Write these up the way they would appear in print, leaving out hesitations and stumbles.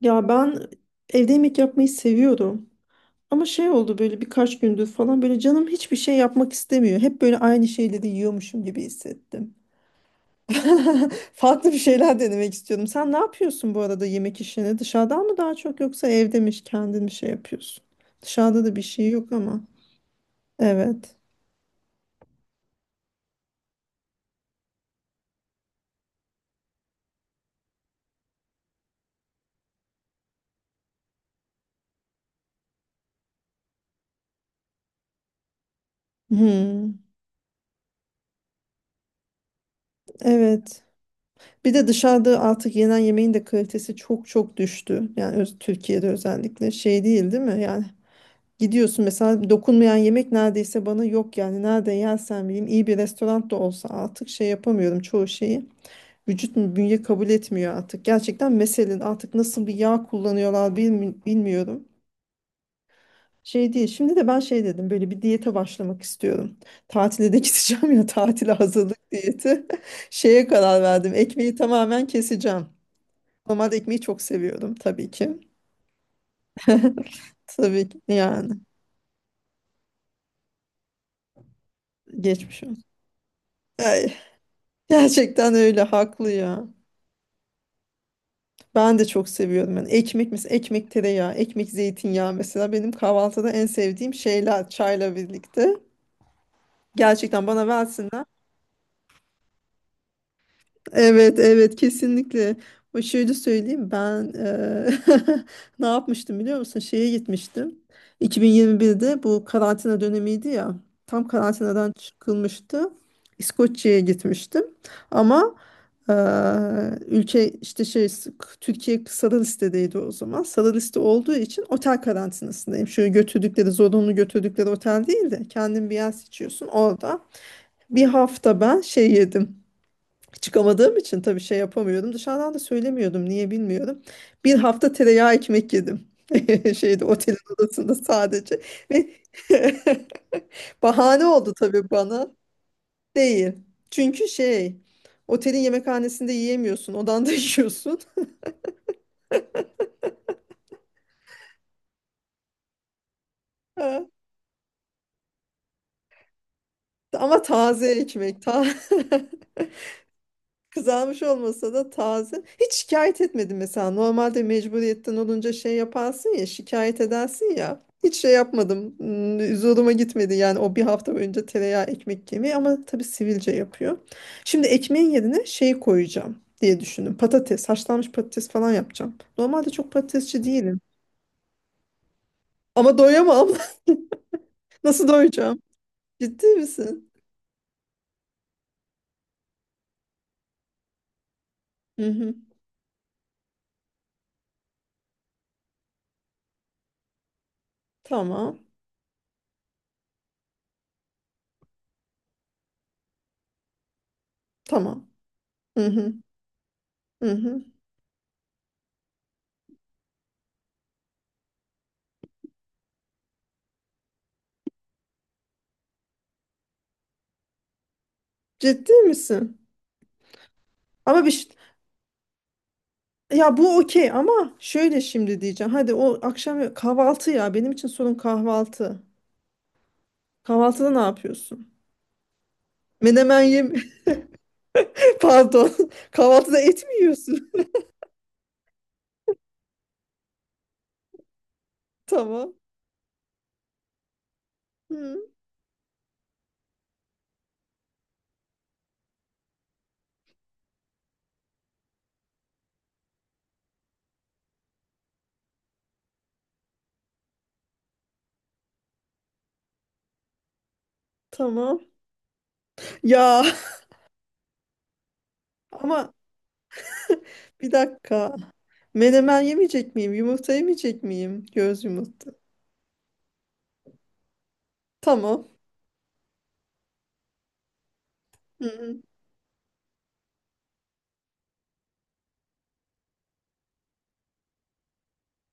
Ya ben evde yemek yapmayı seviyorum. Ama şey oldu, böyle birkaç gündür falan böyle canım hiçbir şey yapmak istemiyor. Hep böyle aynı şeyleri yiyormuşum gibi hissettim. Farklı bir şeyler denemek istiyorum. Sen ne yapıyorsun bu arada yemek işini? Dışarıdan mı daha çok, yoksa evde mi kendin mi şey yapıyorsun? Dışarıda da bir şey yok ama. Evet. Hmm, evet. Bir de dışarıda artık yenen yemeğin de kalitesi çok düştü. Yani öz- Türkiye'de özellikle şey, değil mi? Yani gidiyorsun mesela, dokunmayan yemek neredeyse bana yok, yani nerede yersen bileyim, iyi bir restoran da olsa artık şey yapamıyorum çoğu şeyi. Vücut mu, bünye kabul etmiyor artık gerçekten, meselen artık nasıl bir yağ kullanıyorlar bilmi- bilmiyorum. Şey değil, şimdi de ben şey dedim, böyle bir diyete başlamak istiyorum. Tatile de gideceğim ya, tatile hazırlık diyeti. Şeye karar verdim, ekmeği tamamen keseceğim. Normalde ekmeği çok seviyorum tabii ki. Tabii ki yani. Geçmiş olsun. Ay, gerçekten öyle, haklı ya. Ben de çok seviyorum. Yani ekmek, mesela ekmek tereyağı, ekmek zeytinyağı, mesela benim kahvaltıda en sevdiğim şeyler çayla birlikte. Gerçekten bana versinler. Evet evet, kesinlikle. O, şöyle söyleyeyim, ben ne yapmıştım biliyor musun? Şeye gitmiştim. 2021'de bu karantina dönemiydi ya. Tam karantinadan çıkılmıştı. İskoçya'ya gitmiştim. Ama ülke işte şey, Türkiye sarı listedeydi o zaman. Sarı liste olduğu için otel karantinasındayım. Şöyle, götürdükleri zorunlu götürdükleri otel değil de kendin bir yer seçiyorsun orada. Bir hafta ben şey yedim. Çıkamadığım için tabii şey yapamıyordum. Dışarıdan da söylemiyordum, niye bilmiyorum. Bir hafta tereyağı ekmek yedim. Şeyde, otelin odasında sadece. Ve bahane oldu tabii bana. Değil. Çünkü şey, otelin yemekhanesinde yiyemiyorsun, odanda yiyorsun. Ha. Ama taze ekmek, ta kızarmış olmasa da taze. Hiç şikayet etmedim mesela. Normalde mecburiyetten olunca şey yaparsın ya, şikayet edersin ya. Hiç şey yapmadım. Hmm, zoruma gitmedi yani o bir hafta önce tereyağı ekmek yemeği, ama tabii sivilce yapıyor. Şimdi ekmeğin yerine şey koyacağım diye düşündüm. Patates, haşlanmış patates falan yapacağım. Normalde çok patatesçi değilim. Ama doyamam. Nasıl doyacağım? Ciddi misin? Hı hı. Tamam. Tamam. Hı hı. Hı hı. Ciddi misin? Ama bir ş- ya bu okey, ama şöyle şimdi diyeceğim. Hadi o akşam, kahvaltı ya, benim için sorun kahvaltı. Kahvaltıda ne yapıyorsun? Menemen yem pardon. Kahvaltıda et mi yiyorsun? Tamam. Hı, tamam. Ya ama bir dakika. Menemen yemeyecek miyim? Yumurta yemeyecek miyim? Göz yumurta. Tamam. Hı hı.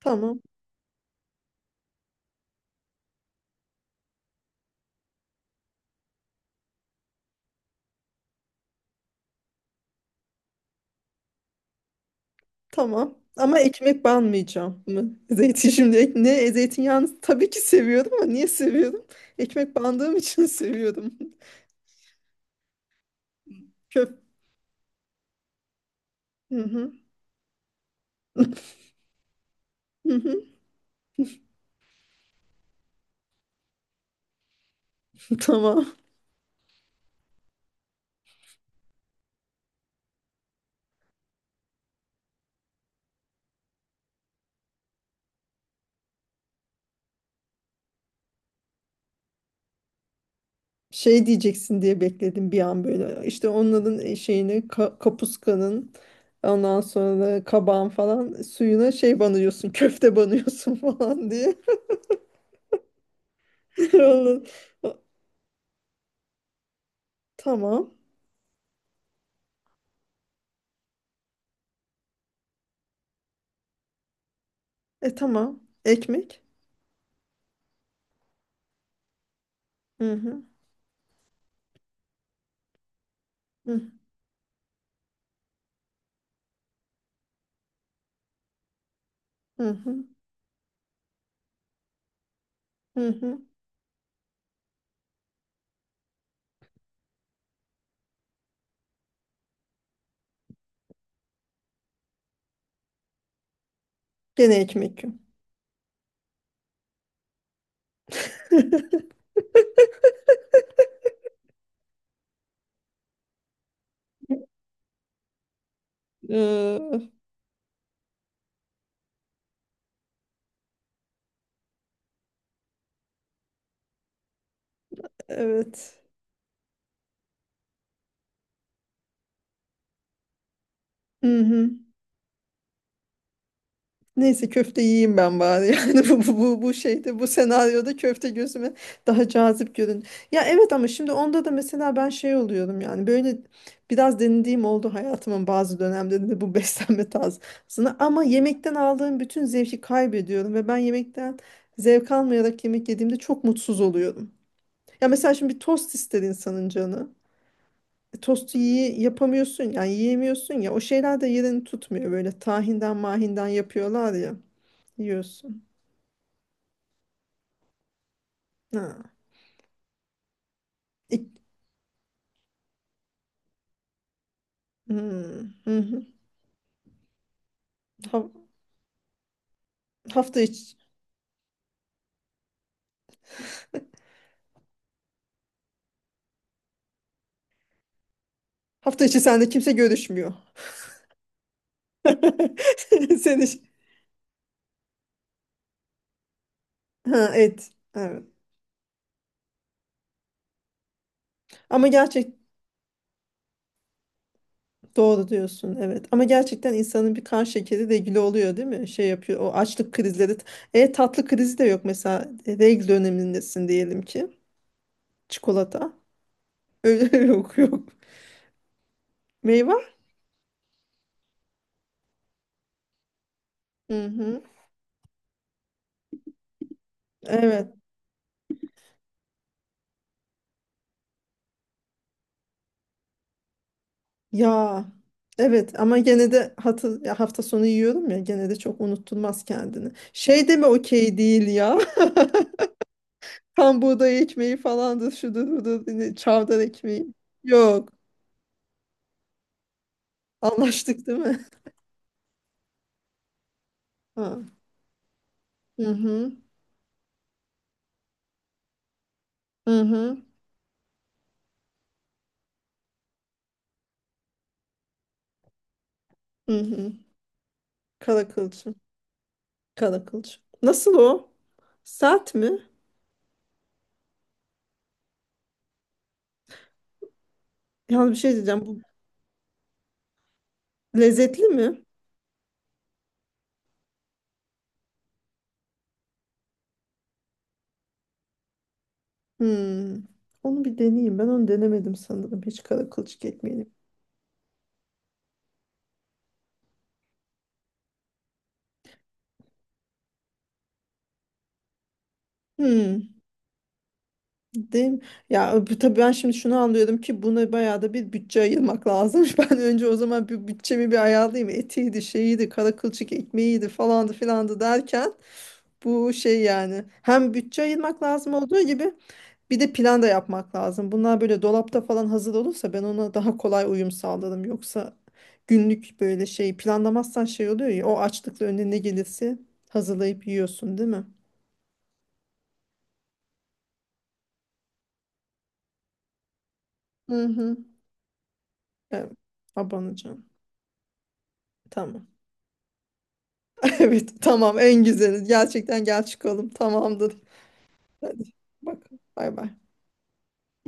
Tamam. Tamam. Ama ekmek banmayacağım mı? Zeytin şimdi ek-, ne, zeytinyağını tabii ki seviyordum, ama niye seviyordum? Ekmek bandığım için seviyordum. Köp. Hı hı. Hı hı. Tamam. Şey diyeceksin diye bekledim bir an böyle. İşte onların şeyini ka- kapuskanın, ondan sonra da kabağın falan suyuna şey banıyorsun. Köfte banıyorsun falan diye. Onun- o- tamam. E tamam. Ekmek. Hı hı. Hı hı. Hı hı. Hı hı. Gene ekmek. Ee, evet. Hı hı. Neyse köfte yiyeyim ben bari. Yani bu şeyde, bu senaryoda köfte gözüme daha cazip görün. Ya evet, ama şimdi onda da mesela ben şey oluyorum, yani böyle biraz denediğim oldu hayatımın bazı dönemlerinde bu beslenme tarzını, ama yemekten aldığım bütün zevki kaybediyorum ve ben yemekten zevk almayarak yemek yediğimde çok mutsuz oluyorum. Ya mesela şimdi bir tost ister insanın canı. Tostu yiye- yapamıyorsun yani, yiyemiyorsun ya, o şeyler de yerini tutmuyor, böyle tahinden mahinden yapıyorlar ya, yiyorsun. Ha. İk- hmm, hı hı. Ha- hafta içi, hafta içi sende kimse görüşmüyor. Seni, ha, et. Evet. Ama gerçek, doğru diyorsun evet. Ama gerçekten insanın bir kan şekeri regüle oluyor değil mi? Şey yapıyor o açlık krizleri. E tatlı krizi de yok mesela. E, regl dönemindesin diyelim ki. Çikolata. Öyle yok yok. Meyve. Hı hı. Evet ya evet, ama gene de hatı, ya hafta sonu yiyorum ya, gene de çok unutturmaz kendini. Şey de mi okey değil ya, tam buğday ekmeği falandır şudur budur ne- çavdar ekmeği yok, anlaştık değil mi? Ha. Hı hı, hı hı, hı hı, kara kılçım, kara kılçım. Nasıl o? Sert mi? Yalnız bir şey diyeceğim, bu lezzetli mi? Hmm. Onu bir deneyeyim, ben onu denemedim sanırım hiç, kara kılçık ekmeğini. Hmm. Değil mi? Ya bu- tabii ben şimdi şunu anlıyorum ki buna bayağı da bir bütçe ayırmak lazımmış. Ben önce o zaman bir bütçemi bir ayarlayayım. Etiydi, şeyiydi, kara kılçık ekmeğiydi falandı filandı derken, bu şey yani, hem bütçe ayırmak lazım olduğu gibi bir de plan da yapmak lazım. Bunlar böyle dolapta falan hazır olursa ben ona daha kolay uyum sağlarım. Yoksa günlük böyle şey planlamazsan şey oluyor ya, o açlıkla önüne ne gelirse hazırlayıp yiyorsun değil mi? Hı hı. Evet. Abanacağım. Tamam. Evet tamam, en güzeli. Gerçekten gel çıkalım. Tamamdır. Hadi bakalım. Bay bay.